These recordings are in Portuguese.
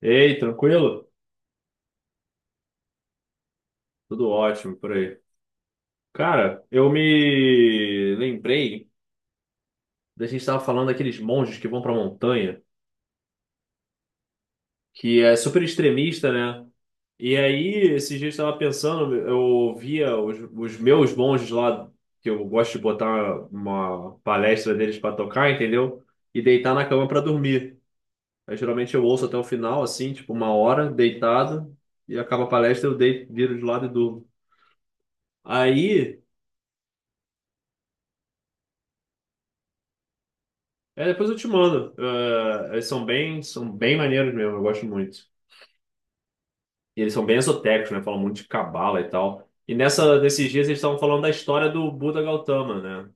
Ei, tranquilo? Tudo ótimo por aí. Cara, eu me lembrei da gente estava falando daqueles monges que vão pra montanha, que é super extremista, né? E aí, esses dias eu estava pensando, eu via os meus monges lá, que eu gosto de botar uma palestra deles pra tocar, entendeu? E deitar na cama pra dormir. Aí, geralmente eu ouço até o final, assim, tipo uma hora, deitado, e acaba a palestra, eu deito, viro de lado e durmo. Aí. É, depois eu te mando. Eles são bem maneiros mesmo, eu gosto muito. E eles são bem esotéricos, né? Falam muito de cabala e tal. Nesses dias eles estavam falando da história do Buda Gautama, né?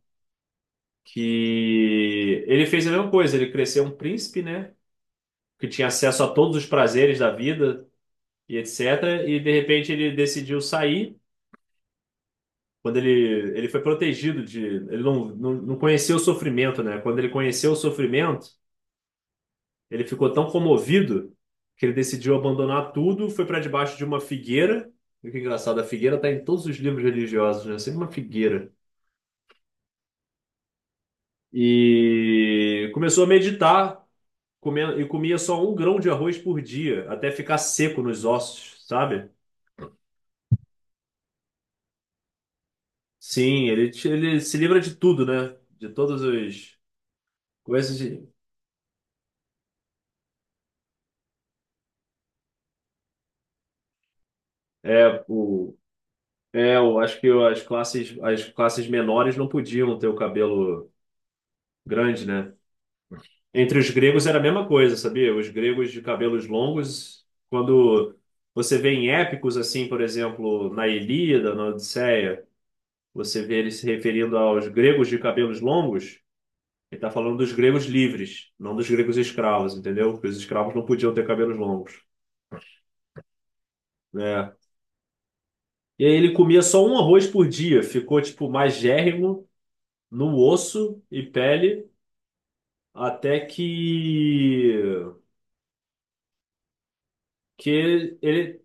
Que ele fez a mesma coisa, ele cresceu um príncipe, né? Que tinha acesso a todos os prazeres da vida e etc. E de repente ele decidiu sair. Quando ele foi protegido de. Ele não conheceu o sofrimento, né? Quando ele conheceu o sofrimento. Ele ficou tão comovido que ele decidiu abandonar tudo, foi para debaixo de uma figueira. E que é engraçado, a figueira está em todos os livros religiosos, né? Sempre uma figueira. E começou a meditar, comendo, e comia só um grão de arroz por dia, até ficar seco nos ossos, sabe? Sim, ele, ele se livra de tudo, né? De todas as coisas. É, o, é, eu acho que as classes menores não podiam ter o cabelo grande, né? Entre os gregos era a mesma coisa, sabia? Os gregos de cabelos longos, quando você vê em épicos, assim, por exemplo, na Ilíada, na Odisseia, você vê ele se referindo aos gregos de cabelos longos, ele está falando dos gregos livres, não dos gregos escravos, entendeu? Porque os escravos não podiam ter cabelos longos, né? E aí ele comia só um arroz por dia, ficou, tipo, magérrimo no osso e pele, até que ele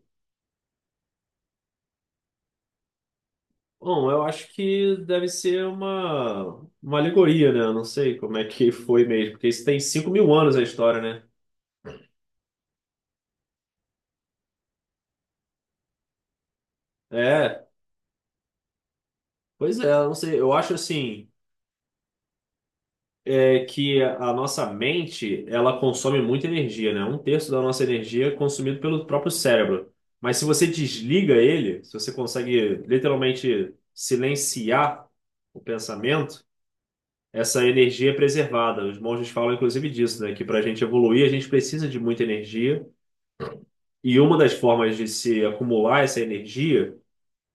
Bom, eu acho que deve ser uma alegoria, né? Eu não sei como é que foi mesmo, porque isso tem 5 mil anos a história, né? É, pois é, eu não sei. Eu acho assim, é, que a nossa mente, ela consome muita energia, né? Um terço da nossa energia é consumido pelo próprio cérebro. Mas se você desliga ele, se você consegue literalmente silenciar o pensamento, essa energia é preservada. Os monges falam, inclusive, disso, né? Que para a gente evoluir, a gente precisa de muita energia. E uma das formas de se acumular essa energia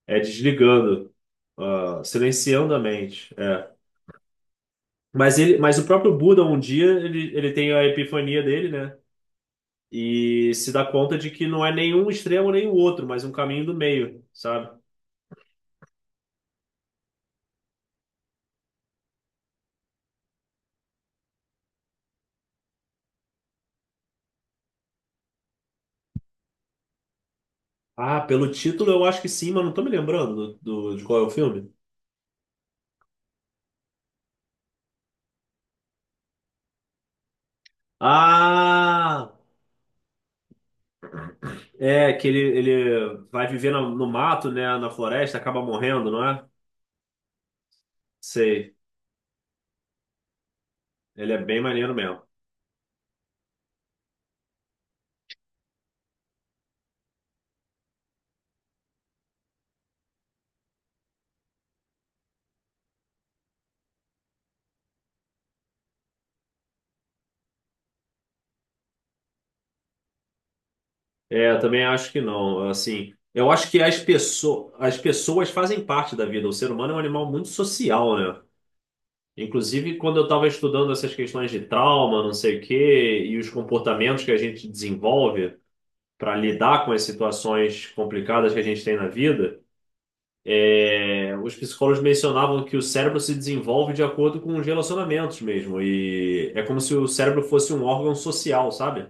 é desligando, silenciando a mente. É. Mas ele, mas o próprio Buda, um dia, ele tem a epifania dele, né? E se dá conta de que não é nenhum extremo nem o outro, mas um caminho do meio, sabe? Ah, pelo título eu acho que sim, mas não tô me lembrando do, de qual é o filme. Ah, é que ele vai viver no, no mato, né? Na floresta, acaba morrendo, não é? Sei. Ele é bem maneiro mesmo. É, eu também acho que não. Assim, eu acho que as pessoas fazem parte da vida. O ser humano é um animal muito social, né? Inclusive, quando eu estava estudando essas questões de trauma, não sei o quê, e os comportamentos que a gente desenvolve para lidar com as situações complicadas que a gente tem na vida, é, os psicólogos mencionavam que o cérebro se desenvolve de acordo com os relacionamentos mesmo. E é como se o cérebro fosse um órgão social, sabe?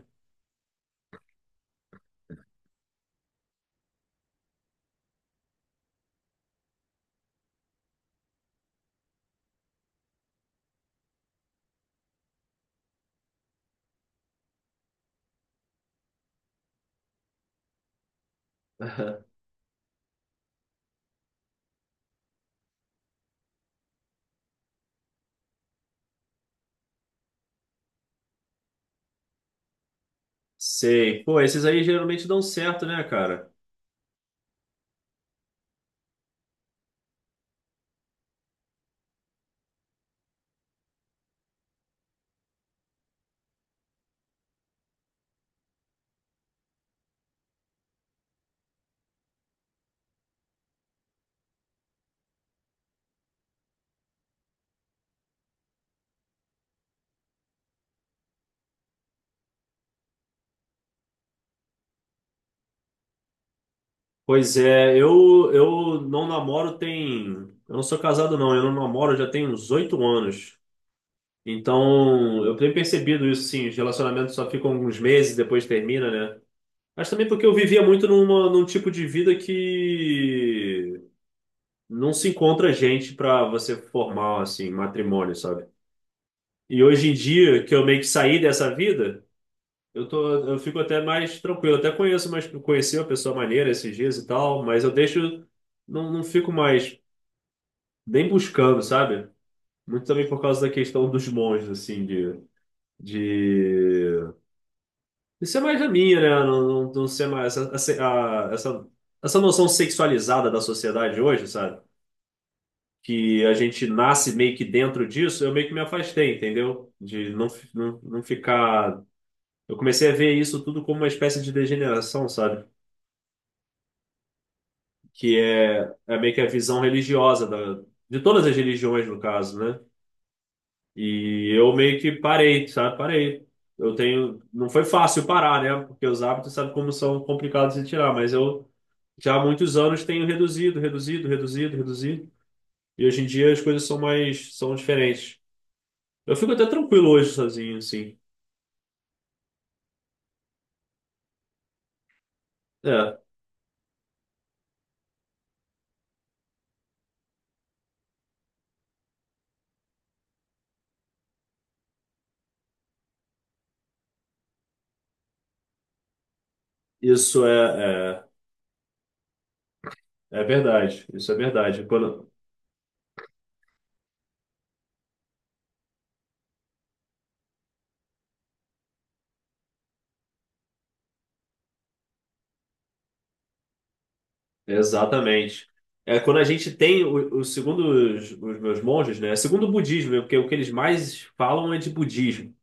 Sei. Pô, esses aí geralmente dão certo, né, cara? Pois é, eu não namoro tem. Eu não sou casado, não. Eu não namoro já tem uns 8 anos. Então, eu tenho percebido isso, sim. Os relacionamentos só ficam uns meses, depois termina, né? Mas também porque eu vivia muito num tipo de vida que não se encontra gente pra você formar, assim, matrimônio, sabe? E hoje em dia, que eu meio que saí dessa vida, eu tô, eu fico até mais tranquilo. Até conheço, mas conheci uma pessoa maneira esses dias e tal, mas eu deixo. Não fico mais. Bem buscando, sabe? Muito também por causa da questão dos monges, assim, de... Isso é mais a minha, né? Não ser mais essa, essa, essa noção sexualizada da sociedade hoje, sabe? Que a gente nasce meio que dentro disso, eu meio que me afastei, entendeu? De não, não, não ficar. Eu comecei a ver isso tudo como uma espécie de degeneração, sabe? Que é, é meio que a visão religiosa da, de todas as religiões, no caso, né? E eu meio que parei, sabe? Parei. Eu tenho. Não foi fácil parar, né? Porque os hábitos, sabe como são complicados de tirar, mas eu já há muitos anos tenho reduzido, reduzido, reduzido, reduzido. E hoje em dia as coisas são mais, são diferentes. Eu fico até tranquilo hoje sozinho, assim. É, isso é, é, é verdade. Isso é verdade. Quando, exatamente. É quando a gente tem o segundo os meus monges, né? Segundo o budismo, né? porque o que eles mais falam é de budismo.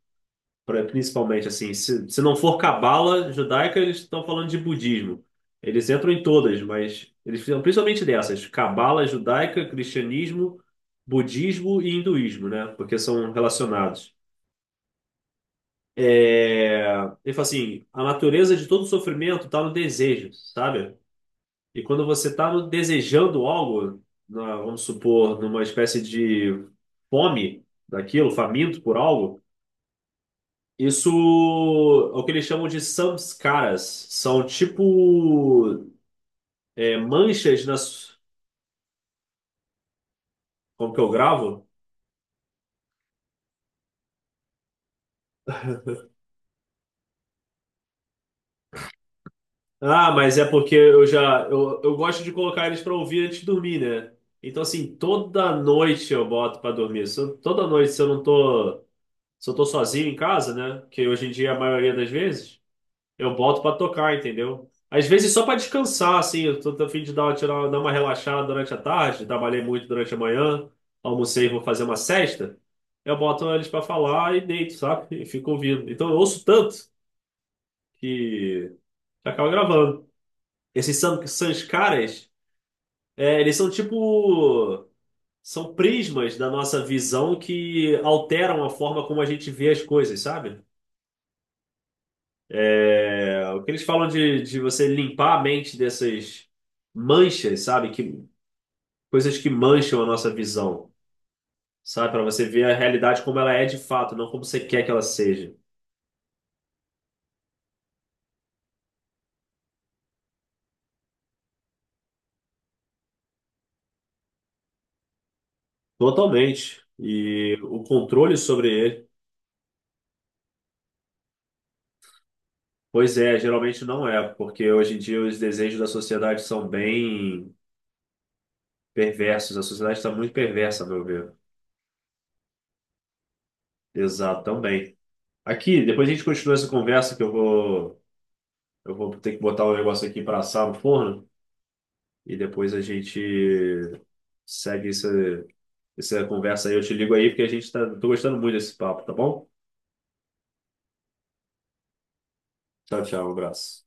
Principalmente assim, se não for cabala judaica, eles estão falando de budismo. Eles entram em todas, mas eles fizeram principalmente dessas, cabala judaica, cristianismo, budismo e hinduísmo, né? Porque são relacionados. É, Ele fala assim, a natureza de todo sofrimento está no desejo, sabe? E quando você está desejando algo, vamos supor, numa espécie de fome daquilo, faminto por algo, Isso é o que eles chamam de samskaras. São tipo é, manchas nas. Como que eu gravo? Ah, mas é porque eu já. Eu gosto de colocar eles pra ouvir antes de dormir, né? Então, assim, toda noite eu boto pra dormir. Se eu- toda noite, se eu não tô. Se eu tô sozinho em casa, né? Que hoje em dia é a maioria das vezes. Eu boto pra tocar, entendeu? Às vezes só pra descansar, assim, eu tô, tô a fim de dar, tirar, dar uma relaxada durante a tarde, trabalhei muito durante a manhã, almocei, vou fazer uma sesta, eu boto eles pra falar e deito, sabe? E fico ouvindo. Então eu ouço tanto que acaba gravando. Esses sanskaras, é, eles são tipo... São prismas da nossa visão que alteram a forma como a gente vê as coisas, sabe? É, o que eles falam de você limpar a mente dessas manchas, sabe? Que, coisas que mancham a nossa visão, sabe? Para você ver a realidade como ela é de fato, não como você quer que ela seja. Totalmente. E o controle sobre ele, pois é, geralmente não é, porque hoje em dia os desejos da sociedade são bem perversos. A sociedade está muito perversa, a meu ver. Exato, também. Aqui, depois a gente continua essa conversa que eu vou ter que botar um negócio aqui para assar no forno. E depois a gente segue essa, essa conversa aí. Eu te ligo aí porque a gente tá, tô gostando muito desse papo, tá bom? Tchau, tchau, um abraço.